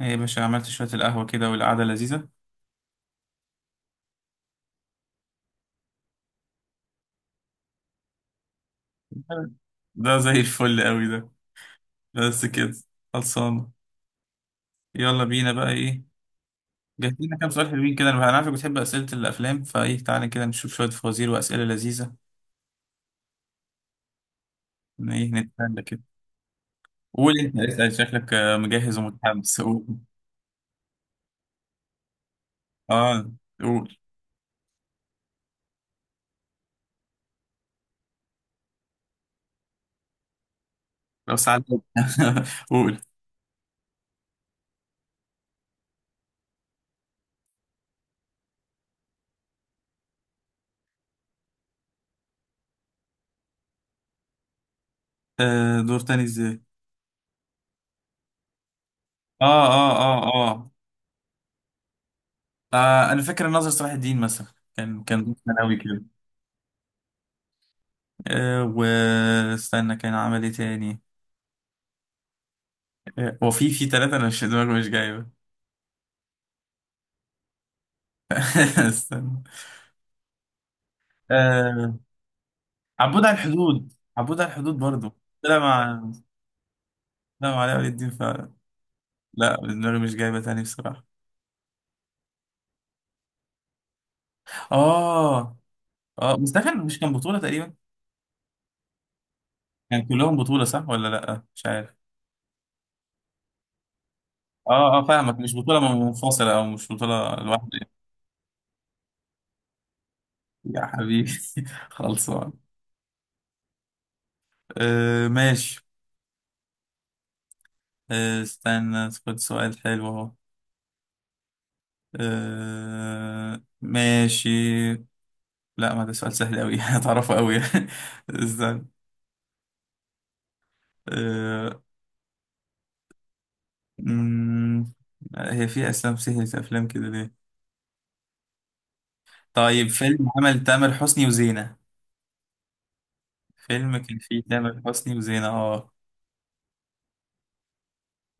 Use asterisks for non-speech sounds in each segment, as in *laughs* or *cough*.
ايه يا باشا، عملت شوية القهوة كده والقعدة لذيذة. ده زي الفل قوي ده. بس كده؟ خلصانة؟ يلا بينا بقى، ايه جاهزين؟ كام سؤال حلوين كده، انا عارفك بتحب أسئلة الأفلام، فايه تعالى كده نشوف شوية فوازير وأسئلة لذيذة. إن ايه نتسلى كده. قول انت، اسأل، شكلك مجهز ومتحمس، قول. اه، قول. لو ساعات. *laughs* قول. آه، دور تاني ازاي؟ آه, اه اه اه. اه، انا فاكر الناظر صلاح الدين مثلا. كان ثانوي كده. أه، واستنى، كان عمل ايه تاني؟ أه، وفي في ثلاثة انا مش دماغي مش جايبة. *laughs* استنى. أه، عبود على الحدود، عبود على الحدود برضو. لا مع لا مع علاء ولي الدين فعلا. لا دماغي مش جايبة تاني بصراحة. اه اه، بس ده كان، مش كان بطولة تقريبا. كان كلهم بطولة، صح ولا لا؟ مش عارف. اه اه، فاهمك، مش بطولة منفصلة او مش بطولة لوحده. يا حبيبي. *laughs* خلصان. أه ماشي. آه، استنى خد سؤال حلو اهو. آه ماشي. لا ما ده سؤال سهل أوي، *laughs* هتعرفه أوي. *laughs* استنى. آه. مم، هي في أفلام سهلة؟ أفلام كده ليه. طيب، فيلم عمل تامر حسني وزينة. فيلم كان فيه تامر حسني وزينة، اه.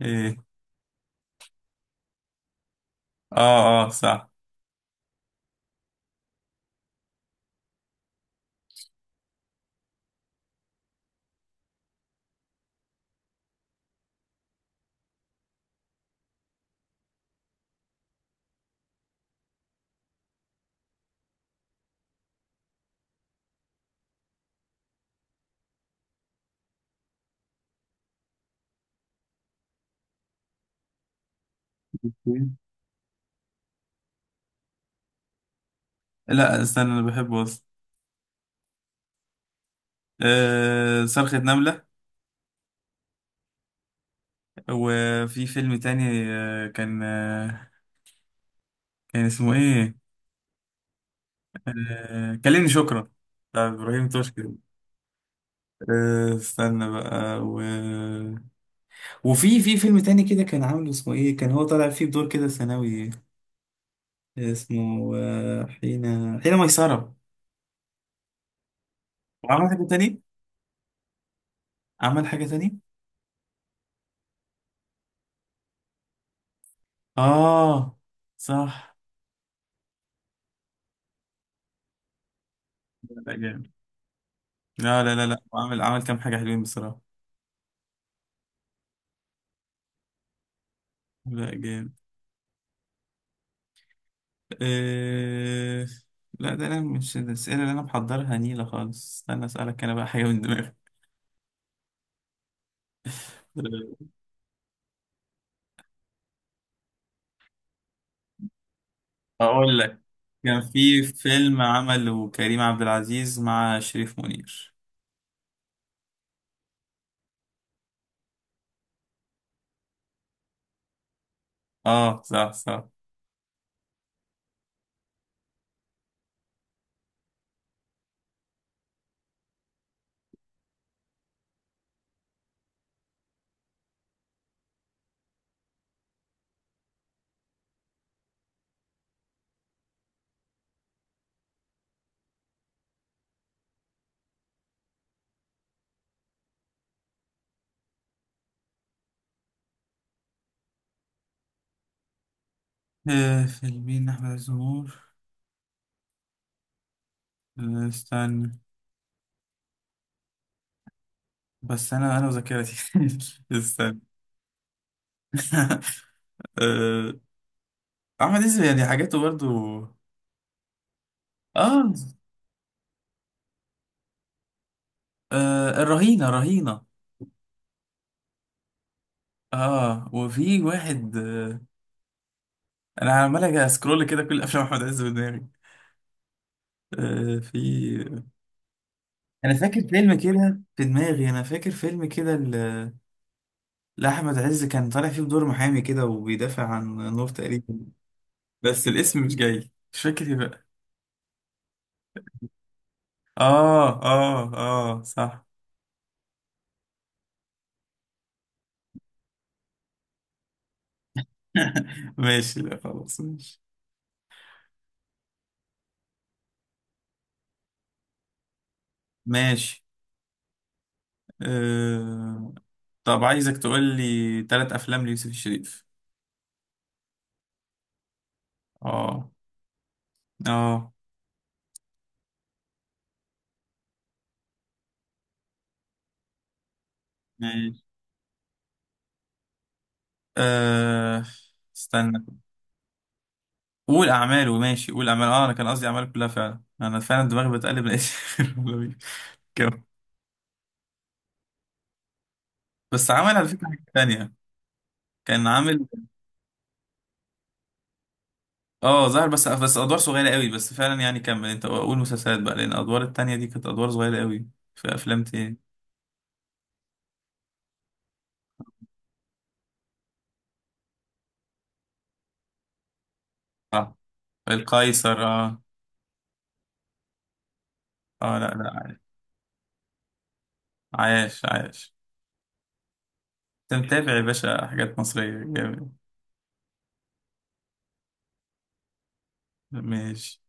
ايه. اه اه صح. لا استنى، أنا بحبه أصلا. آه، صرخة نملة. وفي فيلم تاني، كان اسمه ايه. آه، كلمني شكرا. بتاع إبراهيم توش كده. آه، استنى بقى وفي فيلم تاني كده كان عامل، اسمه ايه؟ كان هو طالع فيه بدور كده ثانوي. اسمه حين ميسرة. وعمل حاجة تاني؟ عمل حاجة تاني. اه صح. لا لا، جامد. لا لا لا لا، عمل كام حاجة حلوين بصراحة. لا جامد. آه... لا ده انا مش الأسئلة اللي انا محضرها نيلة خالص. استنى اسألك انا بقى حاجة من دماغي. اقول لك، كان في فيلم عمله كريم عبد العزيز مع شريف منير. اه صح صح. آه فيلمين احمد عز ومنور. آه، استنى. بس انا وذاكرتي. *laughs* استنى. *laughs* آه. احمد عز يعني حاجاته برضو. اه, آه الرهينه، رهينه. اه وفي واحد انا عمال أجي اسكرول كده كل افلام احمد عز في دماغي. آه في. انا فاكر فيلم كده في دماغي، انا فاكر فيلم كده. لا، احمد عز كان طالع فيه بدور محامي كده وبيدافع عن نور تقريبا. بس الاسم مش جاي، مش فاكر ايه بقى. اه اه اه صح. *laughs* ماشي، لا خلاص ماشي. ماشي. آه... طب عايزك تقول لي ثلاث افلام ليوسف الشريف. اه. اه. ماشي. آه... استنى. قول اعماله، ماشي قول اعماله، اه انا كان قصدي اعماله كلها فعلا، انا فعلا دماغي بتقلب لقيت. *laughs* كم. بس عمل على فكره حاجه تانيه. كان عامل. اه ظهر، بس ادوار صغيره قوي، بس فعلا يعني كمل انت، قول مسلسلات بقى، لان الادوار التانية دي كانت ادوار صغيره قوي. في افلام تاني. اه، القيصر اه. اه لا لا. عايش، عايش. انت متابع يا باشا حاجات مصريه جامد. ماشي.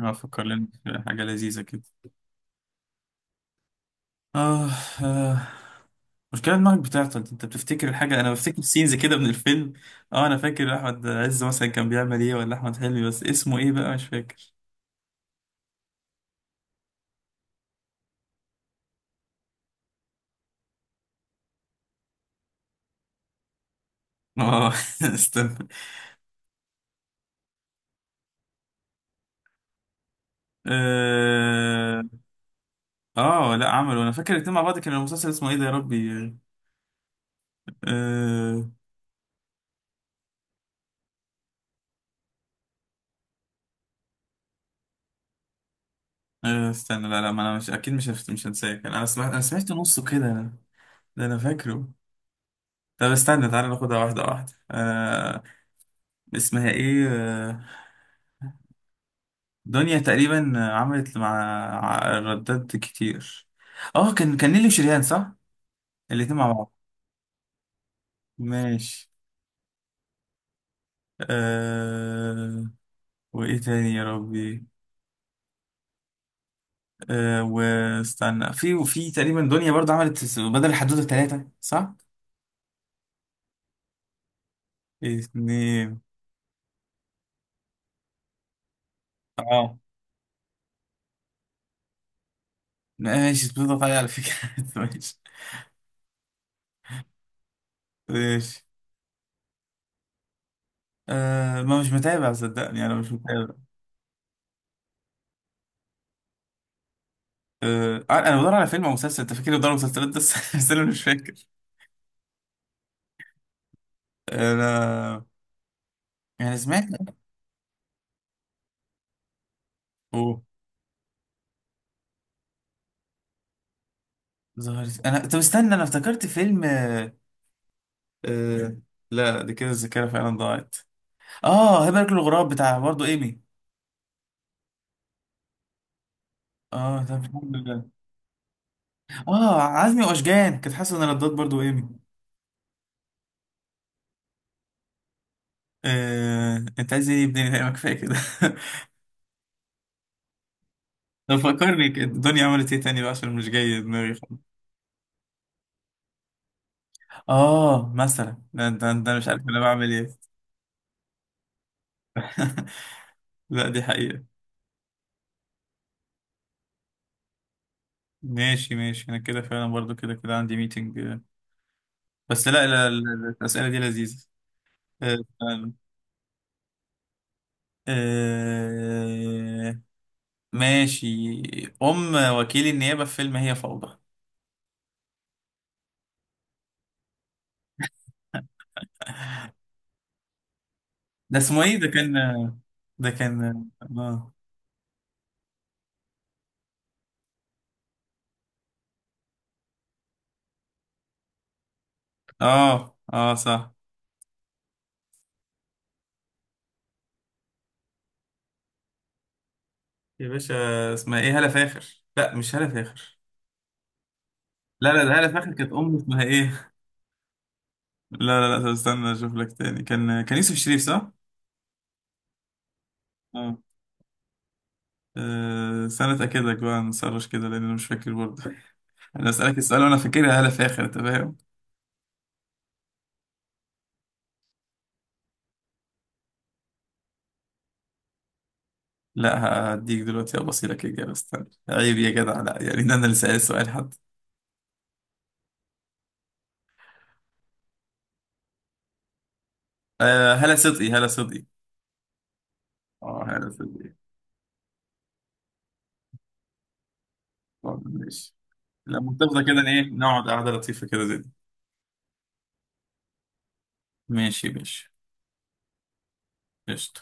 افكر لنا في حاجه لذيذه كده. اه اه. مشكلة دماغك بتعطل، انت بتفتكر الحاجة انا بفتكر سينز كده من الفيلم. اه انا فاكر احمد عز مثلا كان بيعمل ايه ولا احمد حلمي، بس اسمه ايه بقى مش فاكر. اه. *laughs* استنى. اه. آه، لا عملوا، انا فاكر الاتنين مع بعض، كان المسلسل اسمه ايه ده يا ربي. آه. آه استنى، لا لا، ما انا مش اكيد مش مش هنساه، كان انا سمعت نصه كده. ده انا فاكره. طب استنى تعالى ناخدها واحده واحده اسمها ايه. آه. دنيا تقريبا عملت مع ردات كتير. اه كان نيلي وشريهان صح. الاتنين مع بعض. ماشي. آه. وايه تاني يا ربي. آه، واستنى، وفي تقريبا دنيا برضه عملت بدل الحدوتة ثلاثة صح؟ اتنين. اه ماشي، بتضغط عليا على فكرة. *laughs* ماشي. ماشي. آه، ما مش متابع صدقني، انا مش متابع. آه، انا بدور على فيلم او مسلسل انت فاكر، بدور على مسلسلات بس *laughs* بس انا مش فاكر. انا. يعني سمعت. اوه. ظهرت انا، طب استنى انا افتكرت فيلم آه... لا دي كده الذاكرة فعلا ضاعت. اه، هبة الغراب بتاع برضه ايمي. اه، طب الحمد لله. اه، عزمي واشجان كانت حاسه ان ردات برضو ايمي. آه، انت عايز ايه بدني؟ لا ما كفايه كده. *laughs* لو فكرني كده، الدنيا عملت ايه تاني بقى عشان مش جاي دماغي خالص. اه مثلا، ده مش عارف انا بعمل ايه. *laughs* لا دي حقيقه. ماشي ماشي، انا كده فعلا برضو، كده كده عندي ميتنج. بس لا لا لا، الاسئله دي لذيذه. آه، فعلا. آه، ماشي. ام وكيل النيابه في فيلم هي فوضى. ده اسمه ايه، ده كان. ده كان. آه. اه اه صح. يا باشا، اسمها ايه، هالة فاخر. لا مش هالة فاخر. لا لا، ده هالة فاخر كانت ام اسمها ايه *laughs* لا لا لا، طب استنى اشوف لك تاني، كان يوسف شريف صح. اه. آه، استنى اتاكدك بقى، نسرش كده، لان انا مش فاكر برضه. *laughs* انا اسالك السؤال وانا فاكرها هالة فاخر، انت فاهم. لا. هديك دلوقتي ابصي لك اجابه؟ استنى، عيب يا جدع، لا يعني ده انا اللي سال السؤال حد. آه، هالة صدقي، هالة صدقي. اه، هالة صدقي. طب ماشي. لا منتفضه كده، ايه نقعد قعده لطيفه كده زي دي. ماشي يا باشا. قشطة.